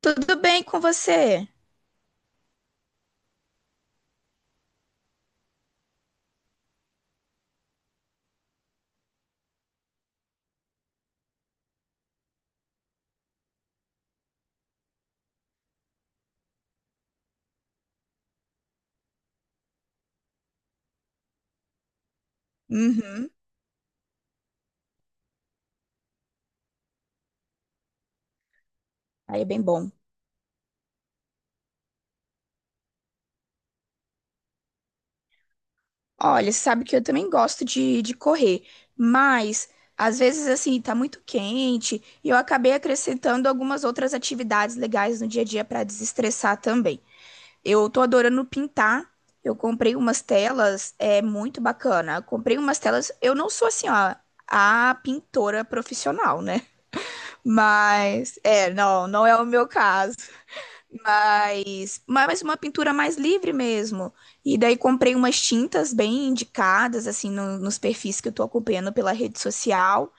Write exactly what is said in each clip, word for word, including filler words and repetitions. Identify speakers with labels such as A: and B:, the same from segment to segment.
A: Tudo bem com você? Uhum. Aí é bem bom. Olha, você sabe que eu também gosto de, de correr, mas às vezes assim tá muito quente e eu acabei acrescentando algumas outras atividades legais no dia a dia para desestressar também. Eu tô adorando pintar. Eu comprei umas telas, é muito bacana. Eu comprei umas telas. Eu não sou assim, ó, a pintora profissional, né? Mas é, não, não é o meu caso. Mas uma pintura mais livre mesmo. E daí comprei umas tintas bem indicadas, assim, no- nos perfis que eu tô acompanhando pela rede social.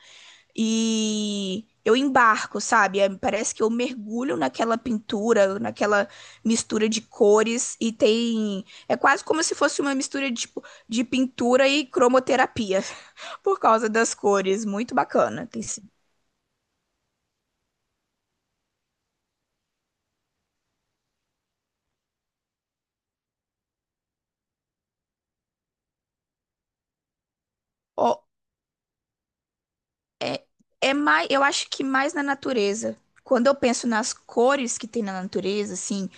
A: E eu embarco, sabe? É, Parece que eu mergulho naquela pintura, naquela mistura de cores. E tem. É quase como se fosse uma mistura de, tipo, de pintura e cromoterapia, por causa das cores. Muito bacana. Tem sido É mais, eu acho que mais na natureza. Quando eu penso nas cores que tem na natureza, assim,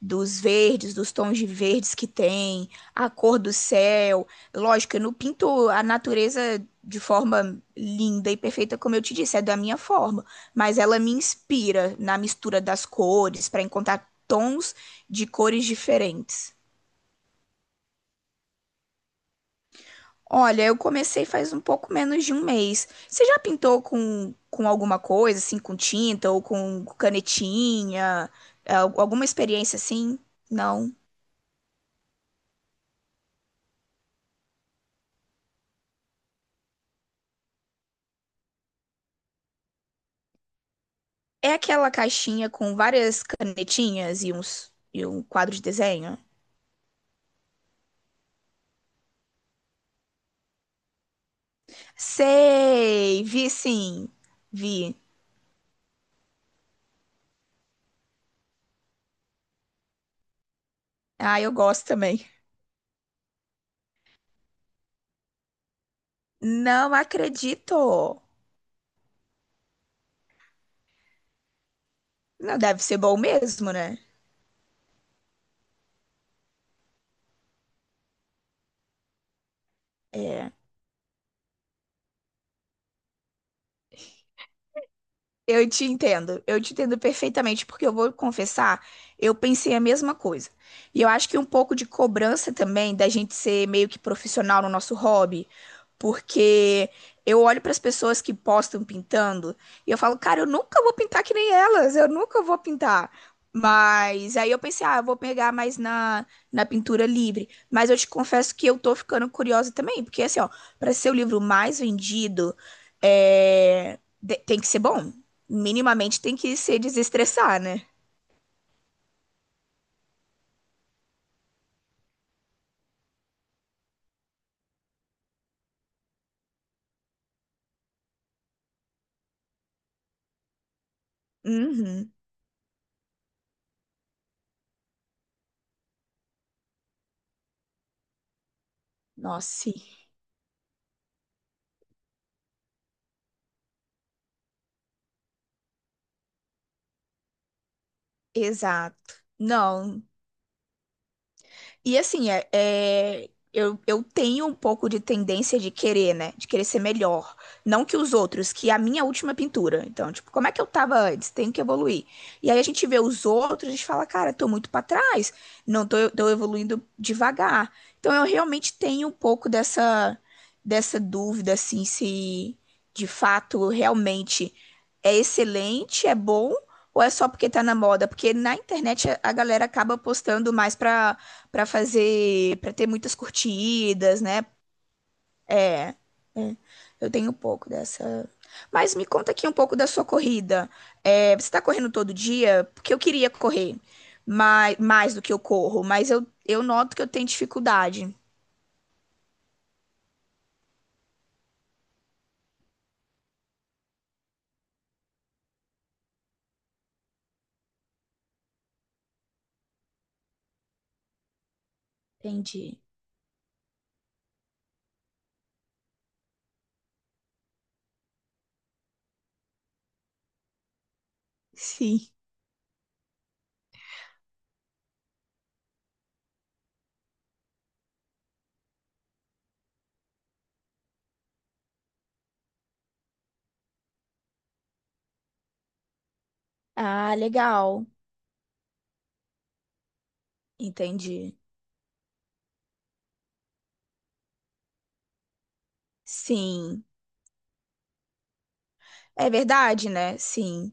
A: dos verdes, dos tons de verdes que tem, a cor do céu. Lógico, eu não pinto a natureza de forma linda e perfeita, como eu te disse, é da minha forma, mas ela me inspira na mistura das cores, para encontrar tons de cores diferentes. Olha, eu comecei faz um pouco menos de um mês. Você já pintou com, com alguma coisa, assim, com tinta ou com canetinha? É, Al- Alguma experiência assim? Não. É aquela caixinha com várias canetinhas e uns e um quadro de desenho? Sei, vi sim. Vi. Ah, eu gosto também. Não acredito. Não deve ser bom mesmo, né? É. Eu te entendo, eu te entendo perfeitamente, porque eu vou confessar, eu pensei a mesma coisa. E eu acho que um pouco de cobrança também da gente ser meio que profissional no nosso hobby, porque eu olho para as pessoas que postam pintando e eu falo, cara, eu nunca vou pintar que nem elas, eu nunca vou pintar. Mas aí eu pensei, ah, eu vou pegar mais na, na pintura livre. Mas eu te confesso que eu tô ficando curiosa também, porque assim, ó, para ser o livro mais vendido, é, de- tem que ser bom, minimamente tem que se desestressar, né? Uhum. Nossa, sim. Exato. Não, e assim, é, é- eu, eu tenho um pouco de tendência de querer, né? De querer ser melhor. Não que os outros, que é a minha última pintura. Então, tipo, como é que eu tava antes? Tenho que evoluir. E aí a gente vê os outros, a gente fala, cara, tô muito pra trás. Não tô, tô evoluindo devagar. Então, eu realmente tenho um pouco dessa, dessa dúvida, assim, se de fato realmente é excelente, é bom. Ou é só porque tá na moda? Porque na internet a a galera acaba postando mais pra Pra fazer, pra ter muitas curtidas, né? É, eu tenho um pouco dessa. Mas me conta aqui um pouco da sua corrida. É, você tá correndo todo dia? Porque eu queria correr mais, mais do que eu corro, mas eu, eu noto que eu tenho dificuldade. Entendi. Sim. Ah, legal. Entendi. Sim. É verdade, né? Sim.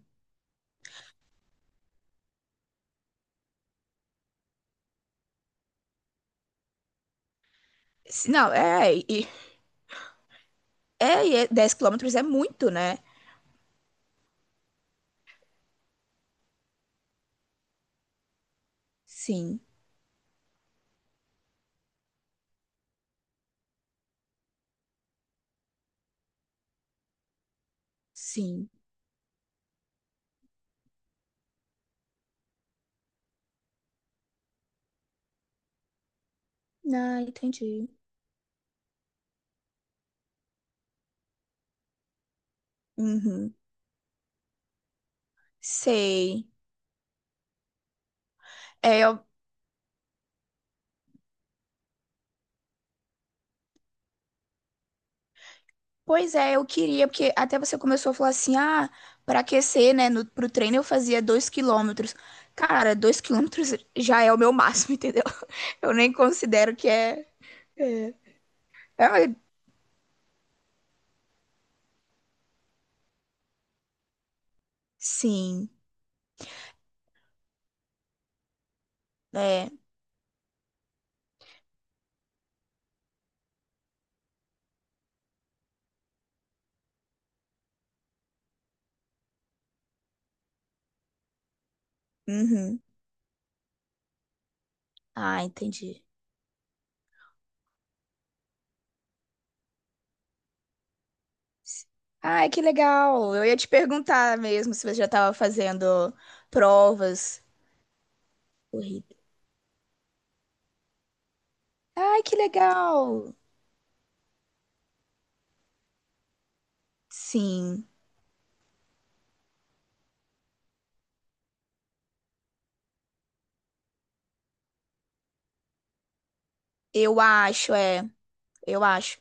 A: S- Não, é, e- é, e é dez quilômetros é muito, né? Sim. Sim. Ah, entendi. Uhum. Sei. É, eu- Pois é, eu queria, porque até você começou a falar assim, ah, para aquecer, né, no, pro treino eu fazia dois quilômetros. Cara, dois quilômetros já é o meu máximo, entendeu? Eu nem considero que é... É, é, mas- sim, é, uhum. Ah, entendi. Ai, que legal. Eu ia te perguntar mesmo se você já estava fazendo provas, corrida. Ai, que legal. Sim, eu acho, é. Eu acho.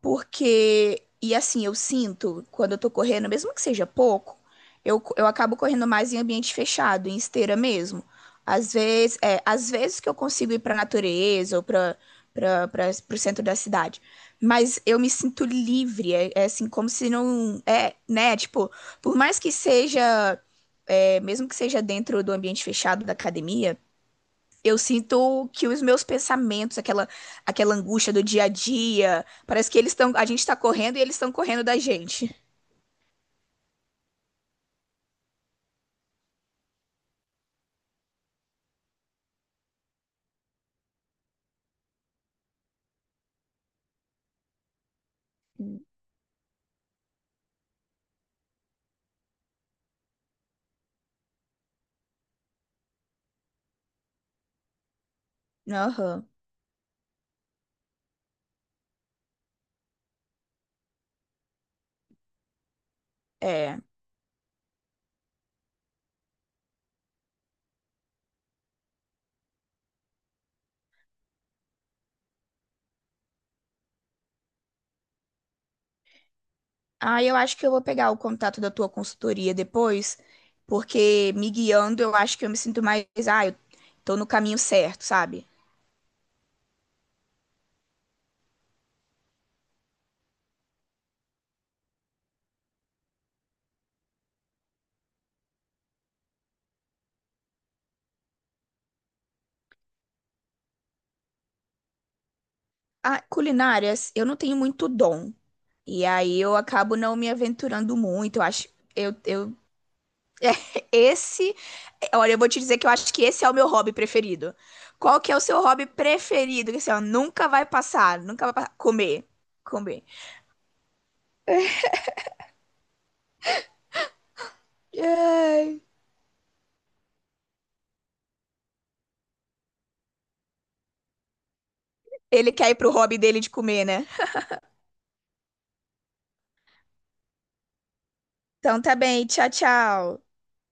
A: Porque, e assim, eu sinto, quando eu tô correndo, mesmo que seja pouco, eu, eu acabo correndo mais em ambiente fechado, em esteira mesmo. Às vezes, é, às vezes que eu consigo ir pra natureza ou pra, pra, pra, pro centro da cidade. Mas eu me sinto livre, é, é assim, como se não. É, né? Tipo, por mais que seja. É, mesmo que seja dentro do ambiente fechado da academia, eu sinto que os meus pensamentos, aquela, aquela angústia do dia a dia, parece que eles estão, a gente tá correndo e eles estão correndo da gente. Aham, é. Ah, eu acho que eu vou pegar o contato da tua consultoria depois, porque me guiando, eu acho que eu me sinto mais, ah, eu tô no caminho certo, sabe? Ah, culinárias, eu não tenho muito dom. E aí eu acabo não me aventurando muito. Eu acho, eu, eu Esse, olha, eu vou te dizer que eu acho que esse é o meu hobby preferido. Qual que é o seu hobby preferido? Que assim, ó, nunca vai passar, nunca vai passar. Comer. Comer. Ai, ele quer ir pro hobby dele de comer, né? Então tá bem, tchau, tchau.